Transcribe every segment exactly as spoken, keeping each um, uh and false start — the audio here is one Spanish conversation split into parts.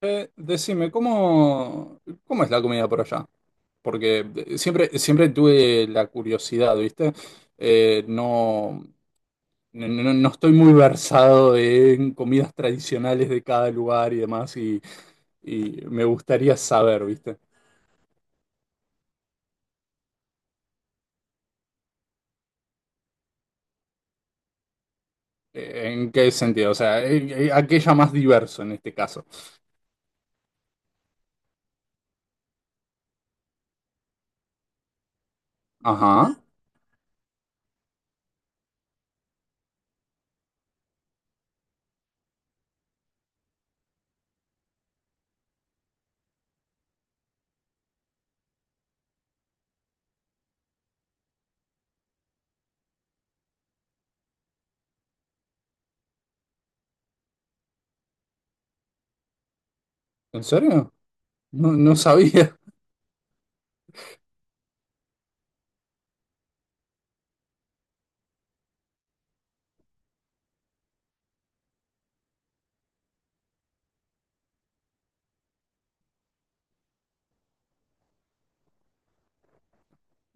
Eh, decime, ¿cómo, cómo es la comida por allá? Porque de- siempre, siempre tuve la curiosidad, ¿viste? Eh, no, no, no- no estoy muy versado en comidas tradicionales de cada lugar y demás, y, y me gustaría saber, ¿viste? Eh, ¿En qué sentido? O sea, eh, eh, aquella más diverso en este caso. Ajá, ¿en serio? No, no sabía.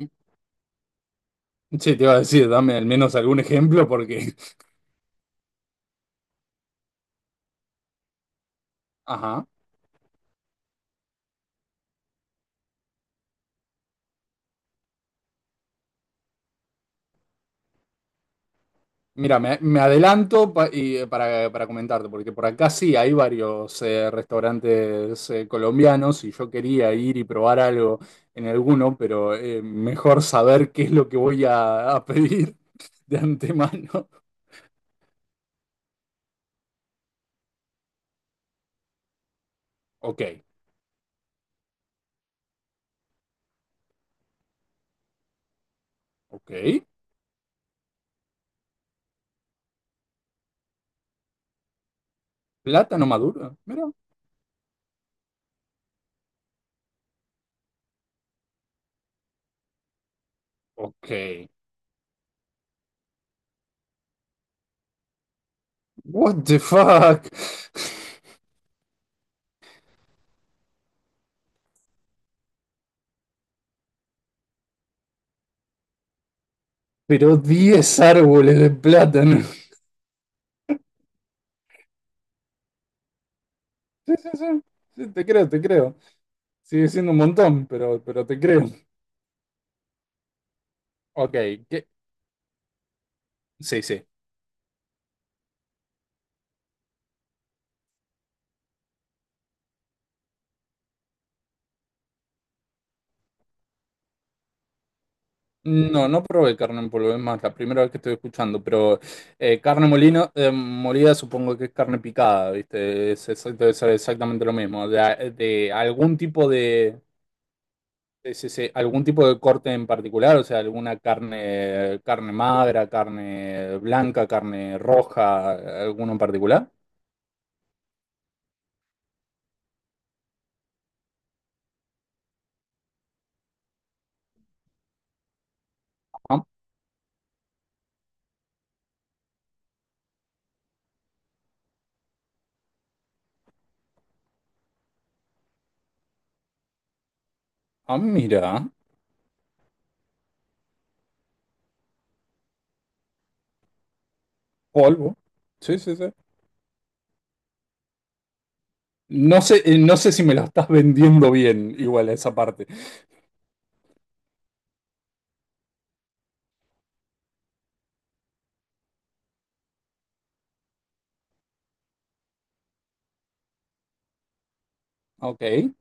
Sí, te iba a decir, dame al menos algún ejemplo porque... Ajá. Mira, me, me adelanto pa- y, eh, para, para comentarte, porque por acá sí hay varios eh, restaurantes eh, colombianos y yo quería ir y probar algo en alguno, pero eh, mejor saber qué es lo que voy a, a pedir de antemano. Ok, ok. Plátano maduro, mira. Ok. What the fuck? Pero diez árboles de plátano. Sí, sí, sí. Sí, te creo, te creo. Sigue siendo un montón, pero, pero te creo. Ok, ¿qué, sí, sí. No, no probé carne en polvo, es más, la primera vez que estoy escuchando, pero eh, carne molino, eh, molida supongo que es carne picada, ¿viste? Es, es- debe ser exactamente lo mismo. De, de algún tipo de, de- sí, sí, algún tipo de corte en particular, o sea, alguna carne, carne magra, carne blanca, carne roja, alguno en particular. Ah, ah, mira, polvo. Sí, sí, sí. No sé, eh, no sé si me lo estás vendiendo bien, igual a esa parte. Ok.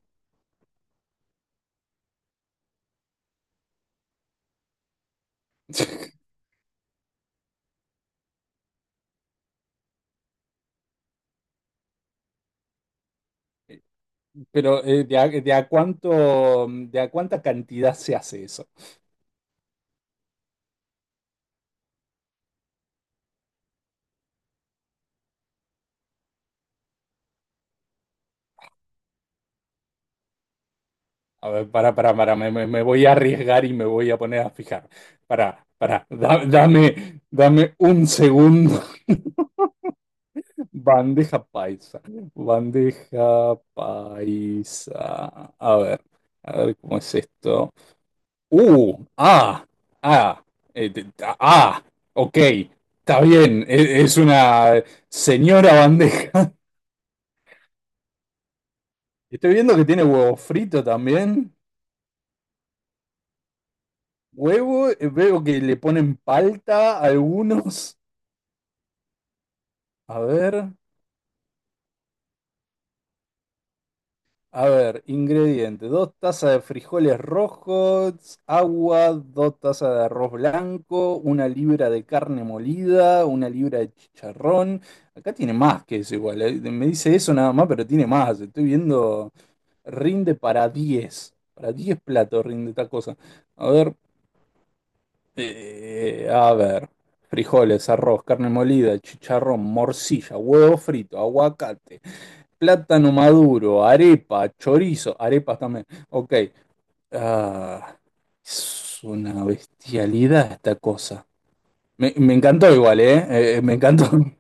Pero eh, de, a, de a cuánto, de a cuánta cantidad se hace eso. A ver, para, para, para, me, me- me voy a arriesgar y me voy a poner a fijar. Para, para, da- dame, dame un segundo. Bandeja paisa. Bandeja paisa. A ver, a ver cómo es esto. Uh, ah, ah, eh, te- ah, ok, está bien, e- es una señora bandeja. Estoy viendo que tiene huevo frito también. Huevo, eh, veo que le ponen palta a algunos. A ver, a ver, ingredientes. Dos tazas de frijoles rojos, agua, dos tazas de arroz blanco, una libra de carne molida, una libra de chicharrón. Acá tiene más que eso igual. eh, Me dice eso nada más, pero tiene más. Estoy viendo, rinde para diez. Para diez platos rinde esta cosa. A ver, Eh, a ver, frijoles, arroz, carne molida, chicharrón, morcilla, huevo frito, aguacate, plátano maduro, arepa, chorizo, arepas también. Ok, ah, es una bestialidad esta cosa. Me, me encantó igual, ¿eh? Eh, eh, Me encantó.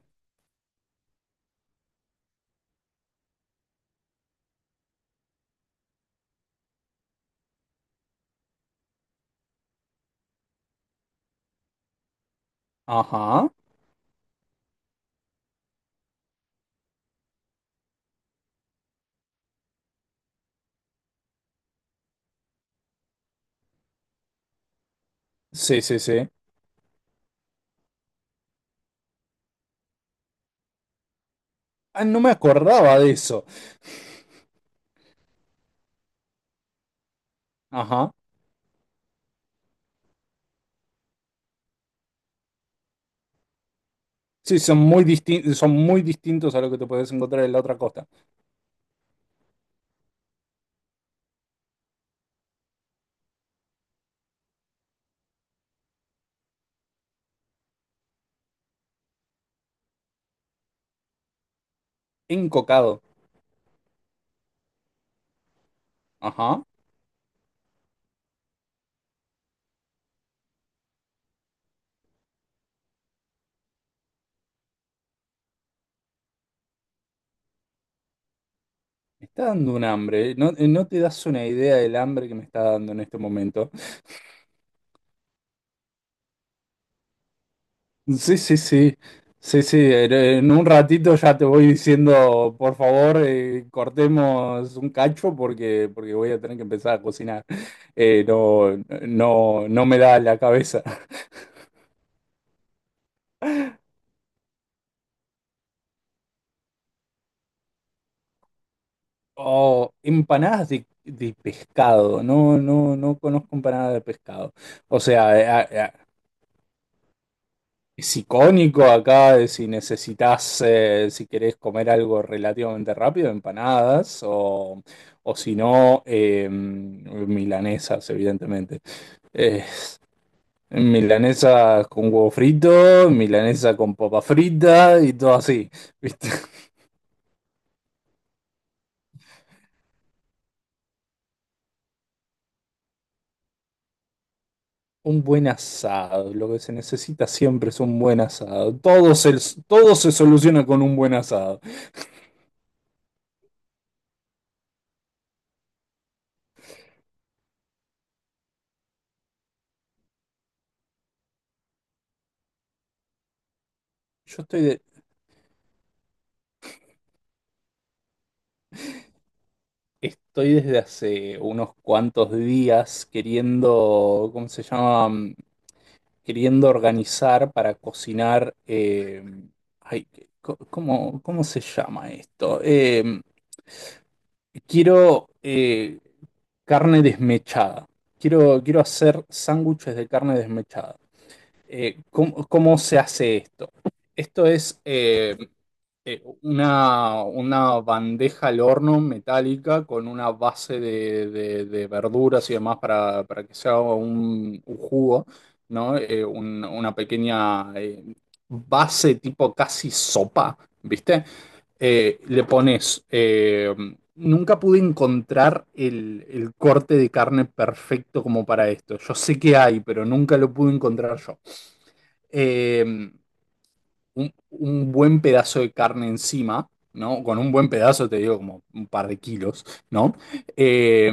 Ajá, sí, sí, sí. Ah, no me acordaba de eso. Ajá, sí, son muy distin- son muy distintos a lo que te puedes encontrar en la otra costa. Encocado, ajá. Me está dando un hambre, ¿eh? no, eh, no te das una idea del hambre que me está dando en este momento. Sí, sí, sí, sí, sí, en en un ratito ya te voy diciendo, por favor, eh, cortemos un cacho porque, porque voy a tener que empezar a cocinar. Eh, no, no, no me da la cabeza. Oh, empanadas de, de pescado, no, no, no conozco empanadas de pescado. O sea, es icónico acá, de si necesitas, eh, si querés comer algo relativamente rápido, empanadas o, o si no, eh, milanesas, evidentemente. Eh, milanesas con huevo frito, milanesa con papa frita y todo así, ¿viste? Un buen asado, lo que se necesita siempre es un buen asado. Todo se, todo se soluciona con un buen asado. Yo estoy de- Estoy desde hace unos cuantos días queriendo, ¿cómo se llama? Mm, Queriendo organizar para cocinar. eh, ay, co- ¿Cómo, cómo se llama esto? Eh, quiero eh, carne desmechada. Quiero, quiero hacer sándwiches de carne desmechada. Eh, ¿cómo, cómo se hace esto? Esto es eh, eh, una, una bandeja al horno metálica con una base de, de- de verduras y demás para, para que se haga un, un jugo, ¿no? Eh, un- una pequeña eh, base tipo casi sopa, ¿viste? Eh, le pones... eh, nunca pude encontrar el, el corte de carne perfecto como para esto. Yo sé que hay, pero nunca lo pude encontrar yo. Eh, un, un buen pedazo de carne encima, ¿no? Con un buen pedazo, te digo, como un par de kilos, ¿no? Eh,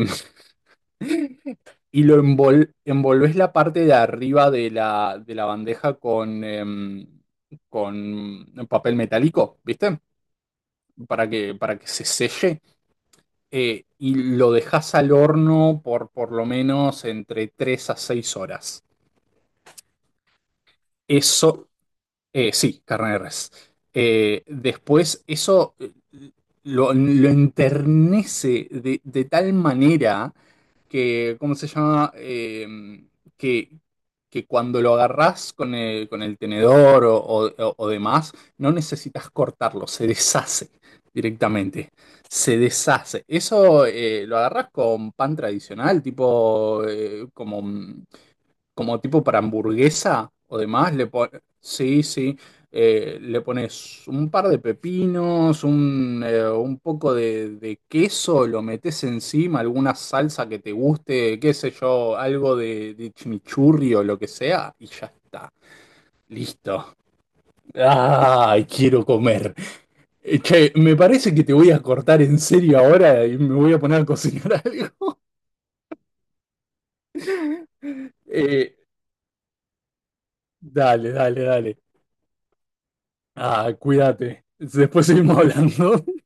y lo envol- envolvés la parte de arriba de la, de la bandeja con, em, con papel metálico, ¿viste? Para que, para que se selle. Eh, y lo dejas al horno por por lo menos entre tres a seis horas. Eso Eh, sí, carne de res. Eh, después eso eh, lo, lo enternece de, de tal manera que, ¿cómo se llama? Eh, que, que cuando lo agarrás con el, con el tenedor o, o- o- o demás, no necesitas cortarlo, se deshace directamente, se deshace. Eso eh, lo agarrás con pan tradicional, tipo eh, como... mm, como tipo para hamburguesa o demás, le po- sí, sí, eh, le pones un par de pepinos, un, eh, un poco de, de queso, lo metes encima, alguna salsa que te guste, qué sé yo, algo de, de chimichurri o lo que sea, y ya está. Listo. ¡Ay, quiero comer! Eh, Che, me parece que te voy a cortar en serio ahora y me voy a poner a cocinar algo. Eh, Dale, dale, dale. Ah, cuídate. Después seguimos hablando.